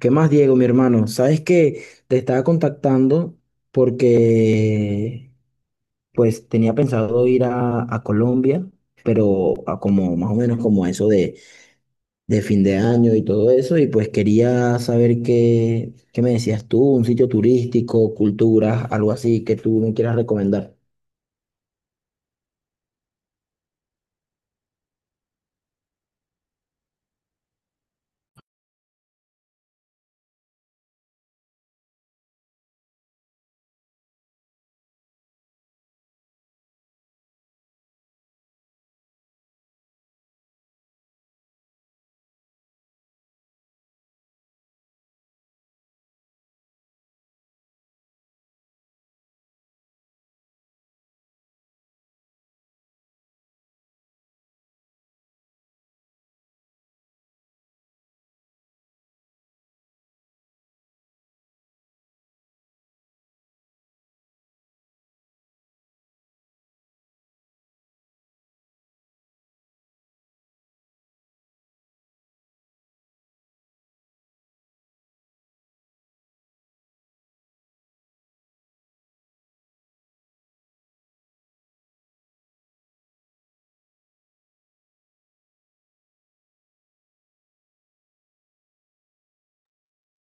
¿Qué más, Diego, mi hermano? Sabes que te estaba contactando porque pues tenía pensado ir a Colombia, pero a como más o menos como eso de fin de año y todo eso, y pues quería saber qué me decías tú, un sitio turístico, culturas, algo así que tú me quieras recomendar.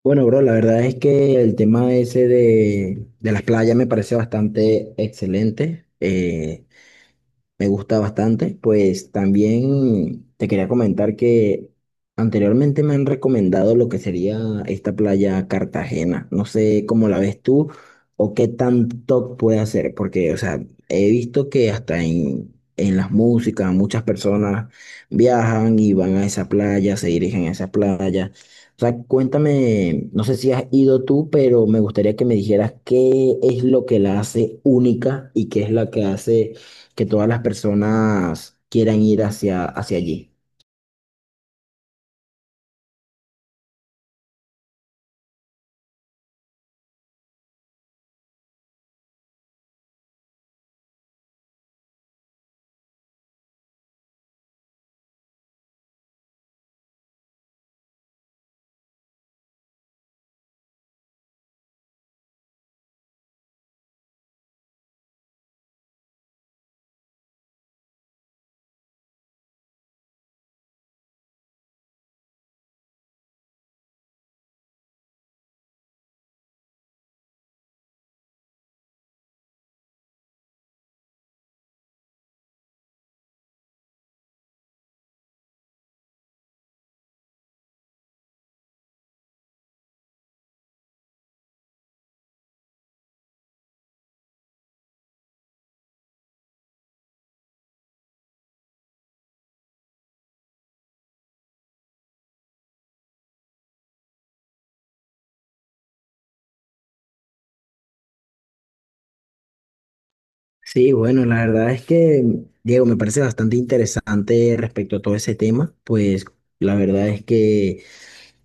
Bueno, bro, la verdad es que el tema ese de las playas me parece bastante excelente. Me gusta bastante. Pues también te quería comentar que anteriormente me han recomendado lo que sería esta playa Cartagena. No sé cómo la ves tú o qué tanto puede hacer, porque, o sea, he visto que hasta en las músicas muchas personas viajan y van a esa playa, se dirigen a esa playa. O sea, cuéntame, no sé si has ido tú, pero me gustaría que me dijeras qué es lo que la hace única y qué es la que hace que todas las personas quieran ir hacia allí. Sí, bueno, la verdad es que, Diego, me parece bastante interesante respecto a todo ese tema, pues la verdad es que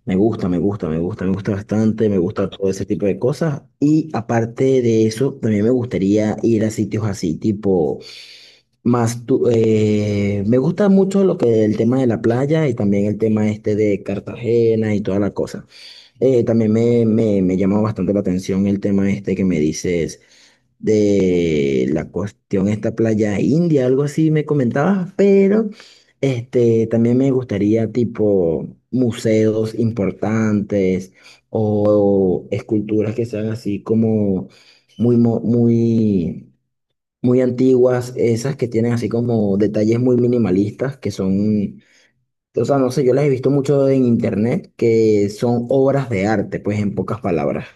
me gusta bastante, me gusta todo ese tipo de cosas. Y aparte de eso, también me gustaría ir a sitios así, tipo, más, me gusta mucho lo que el tema de la playa y también el tema este de Cartagena y toda la cosa. También me llama bastante la atención el tema este que me dices de la cuestión esta playa india, algo así me comentabas, pero este, también me gustaría tipo museos importantes o esculturas que sean así como muy, muy antiguas, esas que tienen así como detalles muy minimalistas, que son o sea, no sé, yo las he visto mucho en internet que son obras de arte, pues en pocas palabras.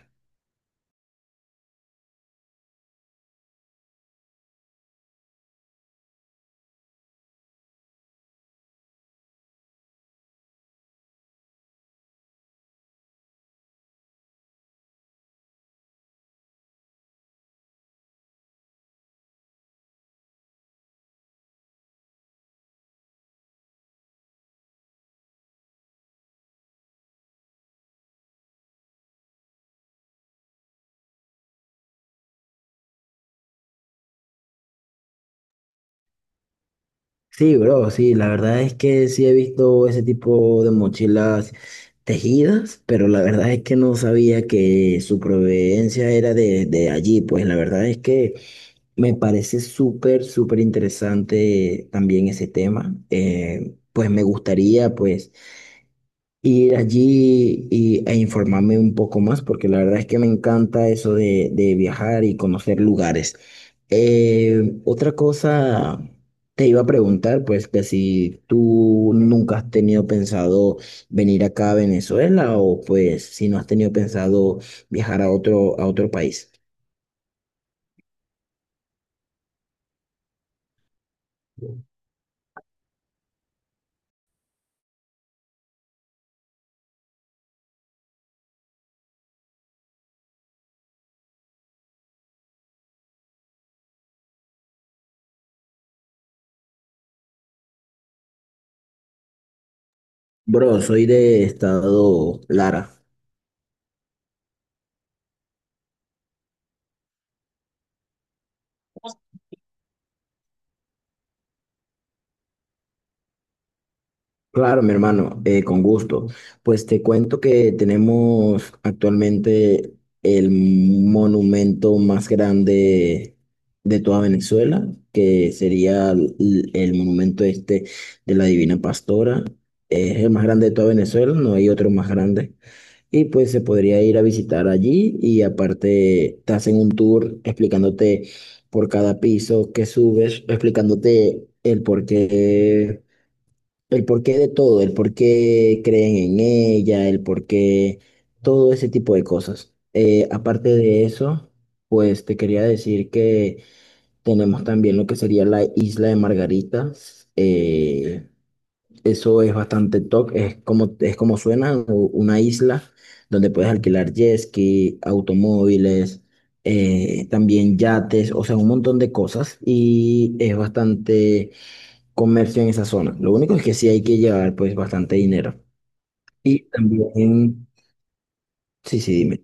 Sí, bro, sí, la verdad es que sí he visto ese tipo de mochilas tejidas, pero la verdad es que no sabía que su proveniencia era de allí, pues la verdad es que me parece súper interesante también ese tema. Pues me gustaría, pues ir allí y, e informarme un poco más, porque la verdad es que me encanta eso de viajar y conocer lugares. Otra cosa te iba a preguntar, pues que si tú nunca has tenido pensado venir acá a Venezuela o pues si no has tenido pensado viajar a a otro país. Bro, soy de estado Lara. Claro, mi hermano, con gusto. Pues te cuento que tenemos actualmente el monumento más grande de toda Venezuela, que sería el monumento este de la Divina Pastora. Es el más grande de toda Venezuela, no hay otro más grande. Y pues se podría ir a visitar allí y aparte te hacen un tour explicándote por cada piso que subes, explicándote el por qué el porqué de todo, el por qué creen en ella, todo ese tipo de cosas. Aparte de eso, pues te quería decir que tenemos también lo que sería la isla de Margaritas. Eso es bastante top, es como suena, una isla donde puedes alquilar jet ski, automóviles, también yates, o sea, un montón de cosas y es bastante comercio en esa zona. Lo único es que sí hay que llevar pues bastante dinero. Y también, sí, sí, dime.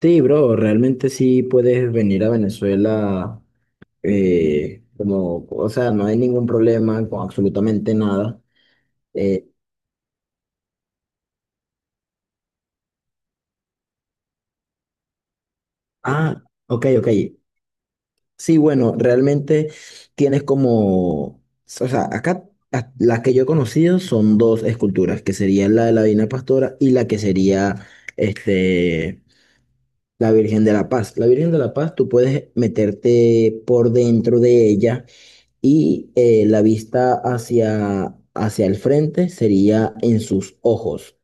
Sí, bro, realmente sí puedes venir a Venezuela como, o sea, no hay ningún problema con absolutamente nada. Eh, ah, ok, ok. Sí, bueno, realmente tienes como, o sea, acá las que yo he conocido son dos esculturas, que sería la de la Divina Pastora y la que sería, este, La Virgen de la Paz. La Virgen de la Paz, tú puedes meterte por dentro de ella y la vista hacia el frente sería en sus ojos.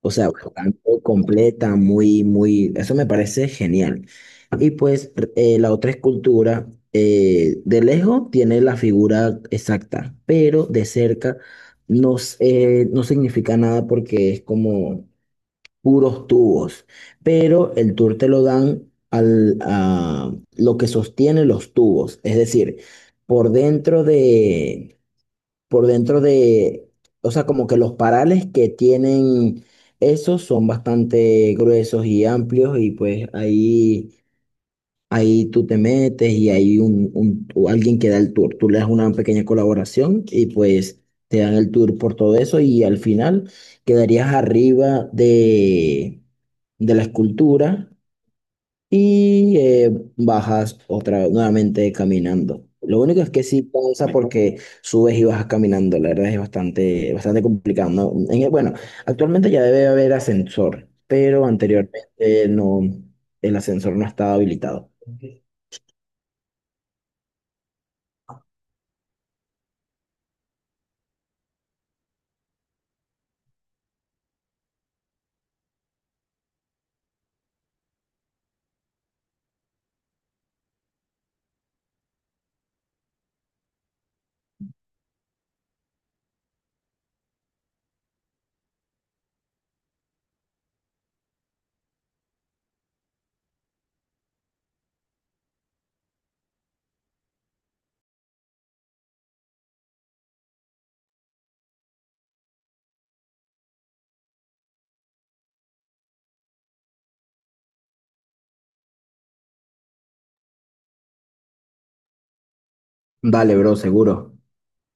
O sea, bastante completa, muy, eso me parece genial. Y pues la otra escultura, de lejos tiene la figura exacta, pero de cerca no significa nada porque es como puros tubos, pero el tour te lo dan al, a lo que sostiene los tubos, es decir, por dentro de, por dentro de, o sea, como que los parales que tienen esos son bastante gruesos y amplios y pues ahí ahí tú te metes y hay o alguien que da el tour. Tú le das una pequeña colaboración y pues te dan el tour por todo eso y al final quedarías arriba de la escultura y bajas otra nuevamente caminando. Lo único es que sí cansa porque subes y bajas caminando. La verdad es bastante complicado, ¿no? En- e, bueno, actualmente ya debe haber ascensor, pero anteriormente no, el ascensor no estaba habilitado. Dale, bro, seguro.